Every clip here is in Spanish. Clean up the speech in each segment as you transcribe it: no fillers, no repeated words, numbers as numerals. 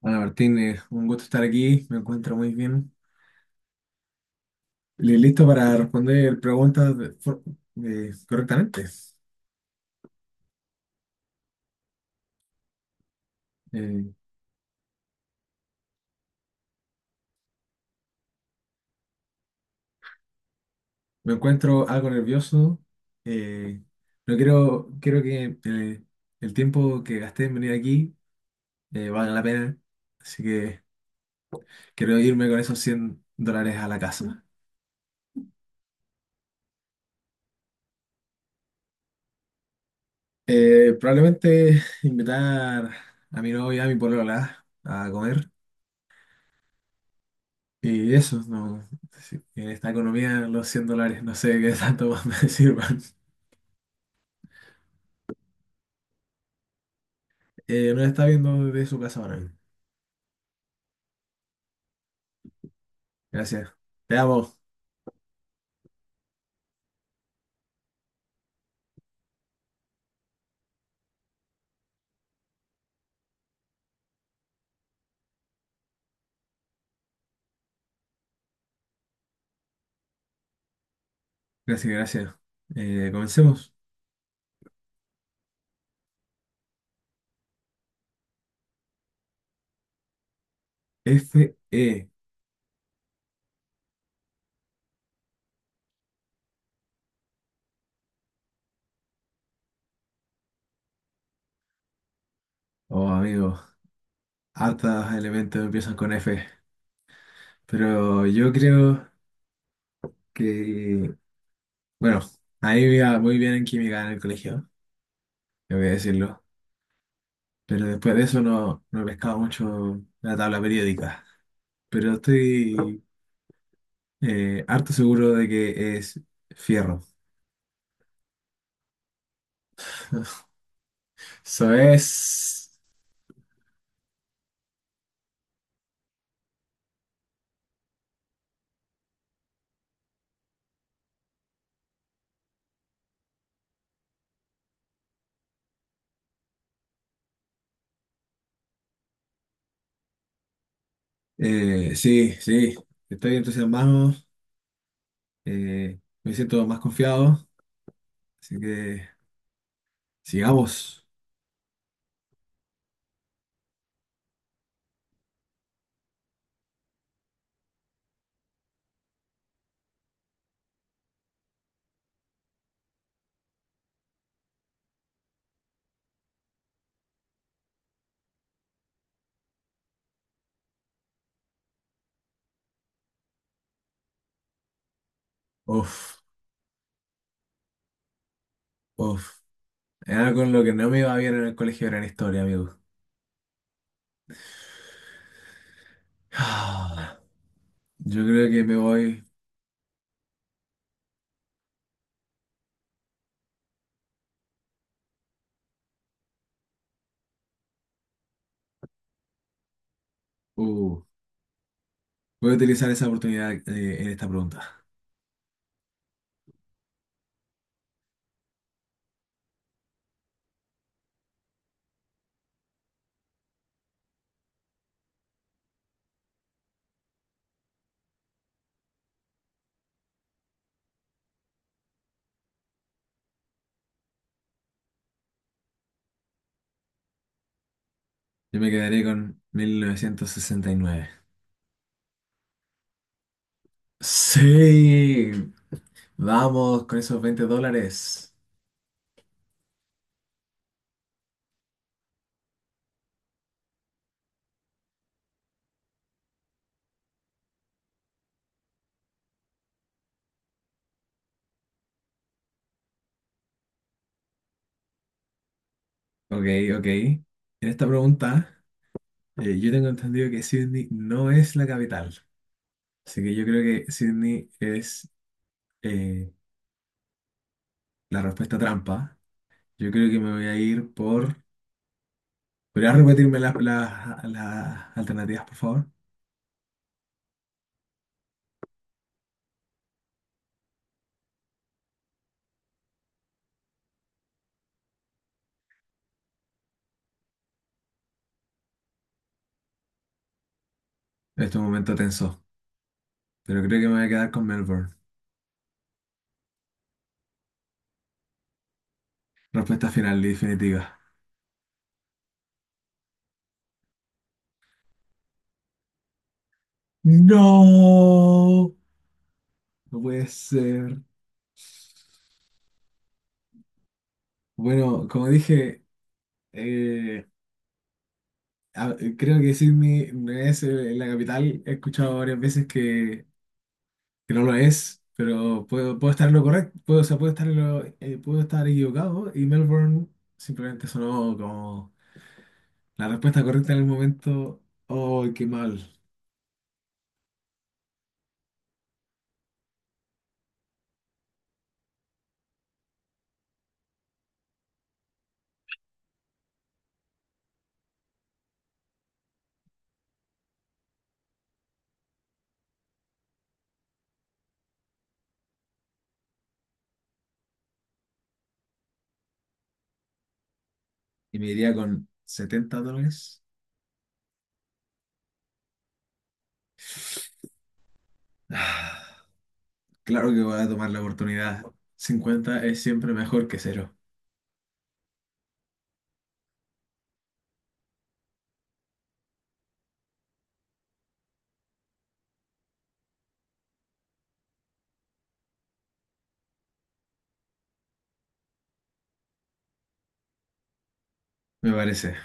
Hola Martínez, un gusto estar aquí, me encuentro muy bien. Listo para responder preguntas correctamente. Eh, Me encuentro algo nervioso. eh, no quiero, quiero que el tiempo que gasté en venir aquí valga la pena, así que quiero irme con esos $100 a la casa. Probablemente invitar a mi novia, a mi polola, a comer. Y eso, no, sí, en esta economía los $100 no sé qué tanto más me sirvan. Nos está viendo desde su casa ahora mismo. Gracias. Te amo. Gracias, gracias. Comencemos. Fe. Oh, amigo. Hartos elementos empiezan con F. Pero yo creo que... Bueno, ahí me iba muy bien en química en el colegio, tengo que decirlo. Pero después de eso no he pescado mucho la tabla periódica. Pero estoy harto seguro de que es fierro. Eso es. Sí, sí. Estoy entusiasmado. Me siento más confiado. Así que sigamos. Uf, uf. Era con lo que no me iba bien en el colegio era en historia, amigo. Ah, yo creo que me voy. Uh, Voy a utilizar esa oportunidad en esta pregunta. Yo me quedaré con 1969. Sí, vamos con esos $20. Ok, ok. En esta pregunta, yo tengo entendido que Sydney no es la capital. Así que yo creo que Sydney es eh, la respuesta trampa. Yo creo que me voy a ir por... ¿Podrías repetirme las alternativas, por favor? En este momento tenso. Pero creo que me voy a quedar con Melbourne. Respuesta final y definitiva. ¡No! No puede ser. Bueno, como dije, eh, creo que Sydney no es la capital. He escuchado varias veces que no lo es, pero puedo estar en lo correcto, puedo, o sea, puedo estar puedo estar equivocado y Melbourne simplemente sonó como la respuesta correcta en el momento. ¡Oh, qué mal! Y me iría con $70. Ah, claro que voy a tomar la oportunidad. 50 es siempre mejor que cero, me parece.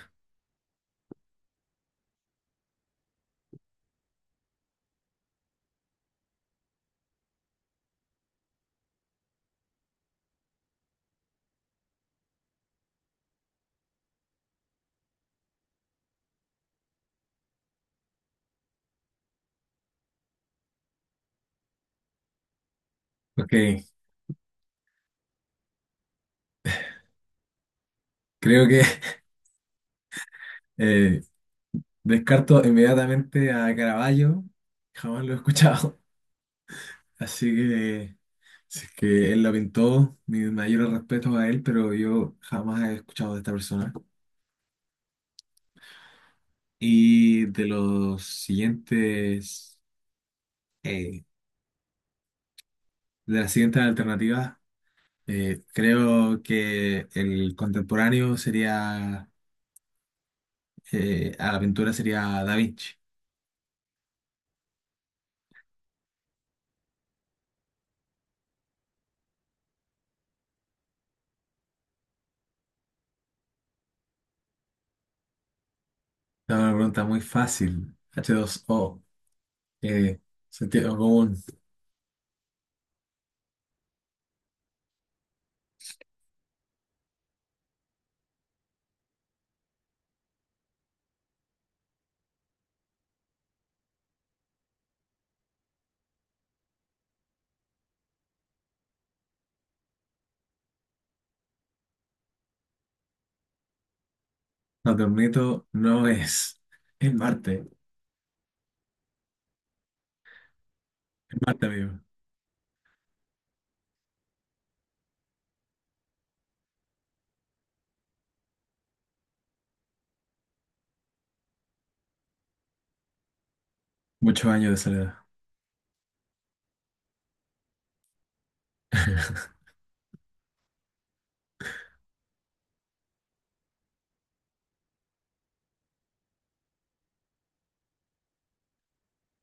Ok, creo que eh, descarto inmediatamente a Caravaggio, jamás lo he escuchado. Así que si es que él lo pintó, mi mayor respeto a él, pero yo jamás he escuchado de esta persona. Y eh, de las siguientes alternativas, creo que el contemporáneo sería, a la pintura sería Da Vinci. Es una pregunta muy fácil, H2O eh, sentido común. No te admito, no es. Es Marte. Es Marte, amigo. Muchos años de soledad.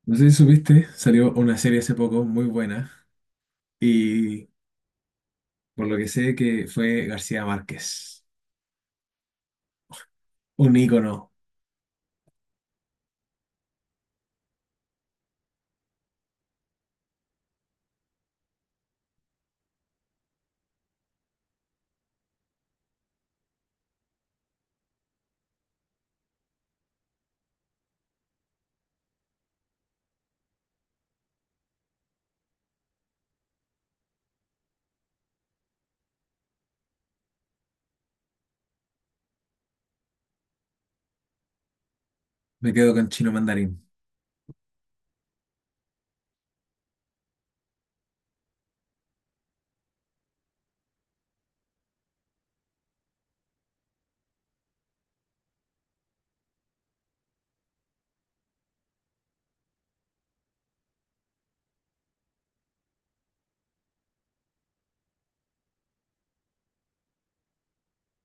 No sé si supiste, salió una serie hace poco muy buena y por lo que sé que fue García Márquez. Un ícono. Me quedo con chino mandarín.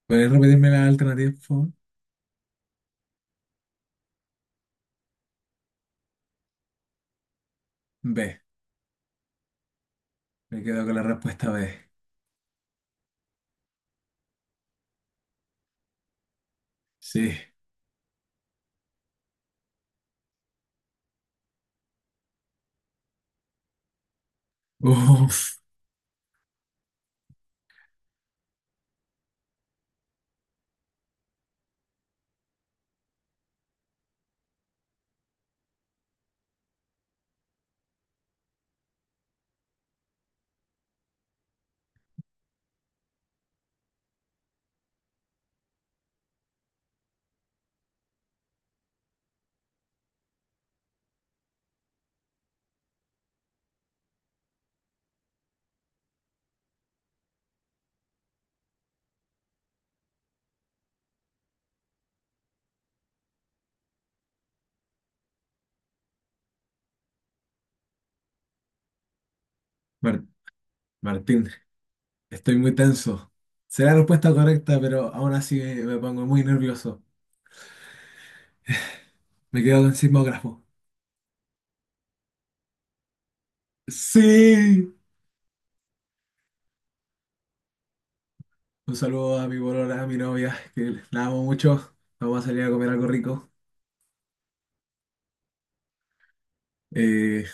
¿Puedes repetirme la alternativa, por favor? B. Me quedo con la respuesta B. Sí. Uf. Mar- Martín, estoy muy tenso. Será la respuesta correcta, pero aún así me pongo muy nervioso. Me quedo con sismógrafo. Sí. Un saludo a mi polola, a mi novia, que la amo mucho. Vamos a salir a comer algo rico. Eh,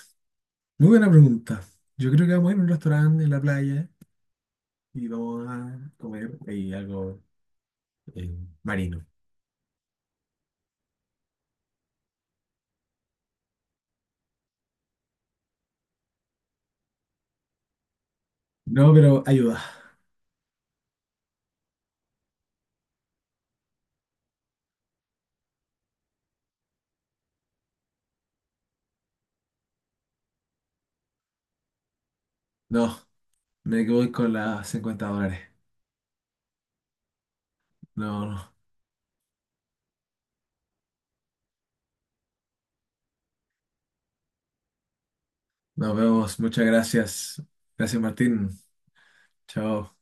Muy buena pregunta. Yo creo que vamos a ir a un restaurante en la playa y vamos a comer ahí algo eh, marino. No, pero ayuda. No, me voy con las $50. No, no. Nos vemos. Muchas gracias. Gracias, Martín. Chao.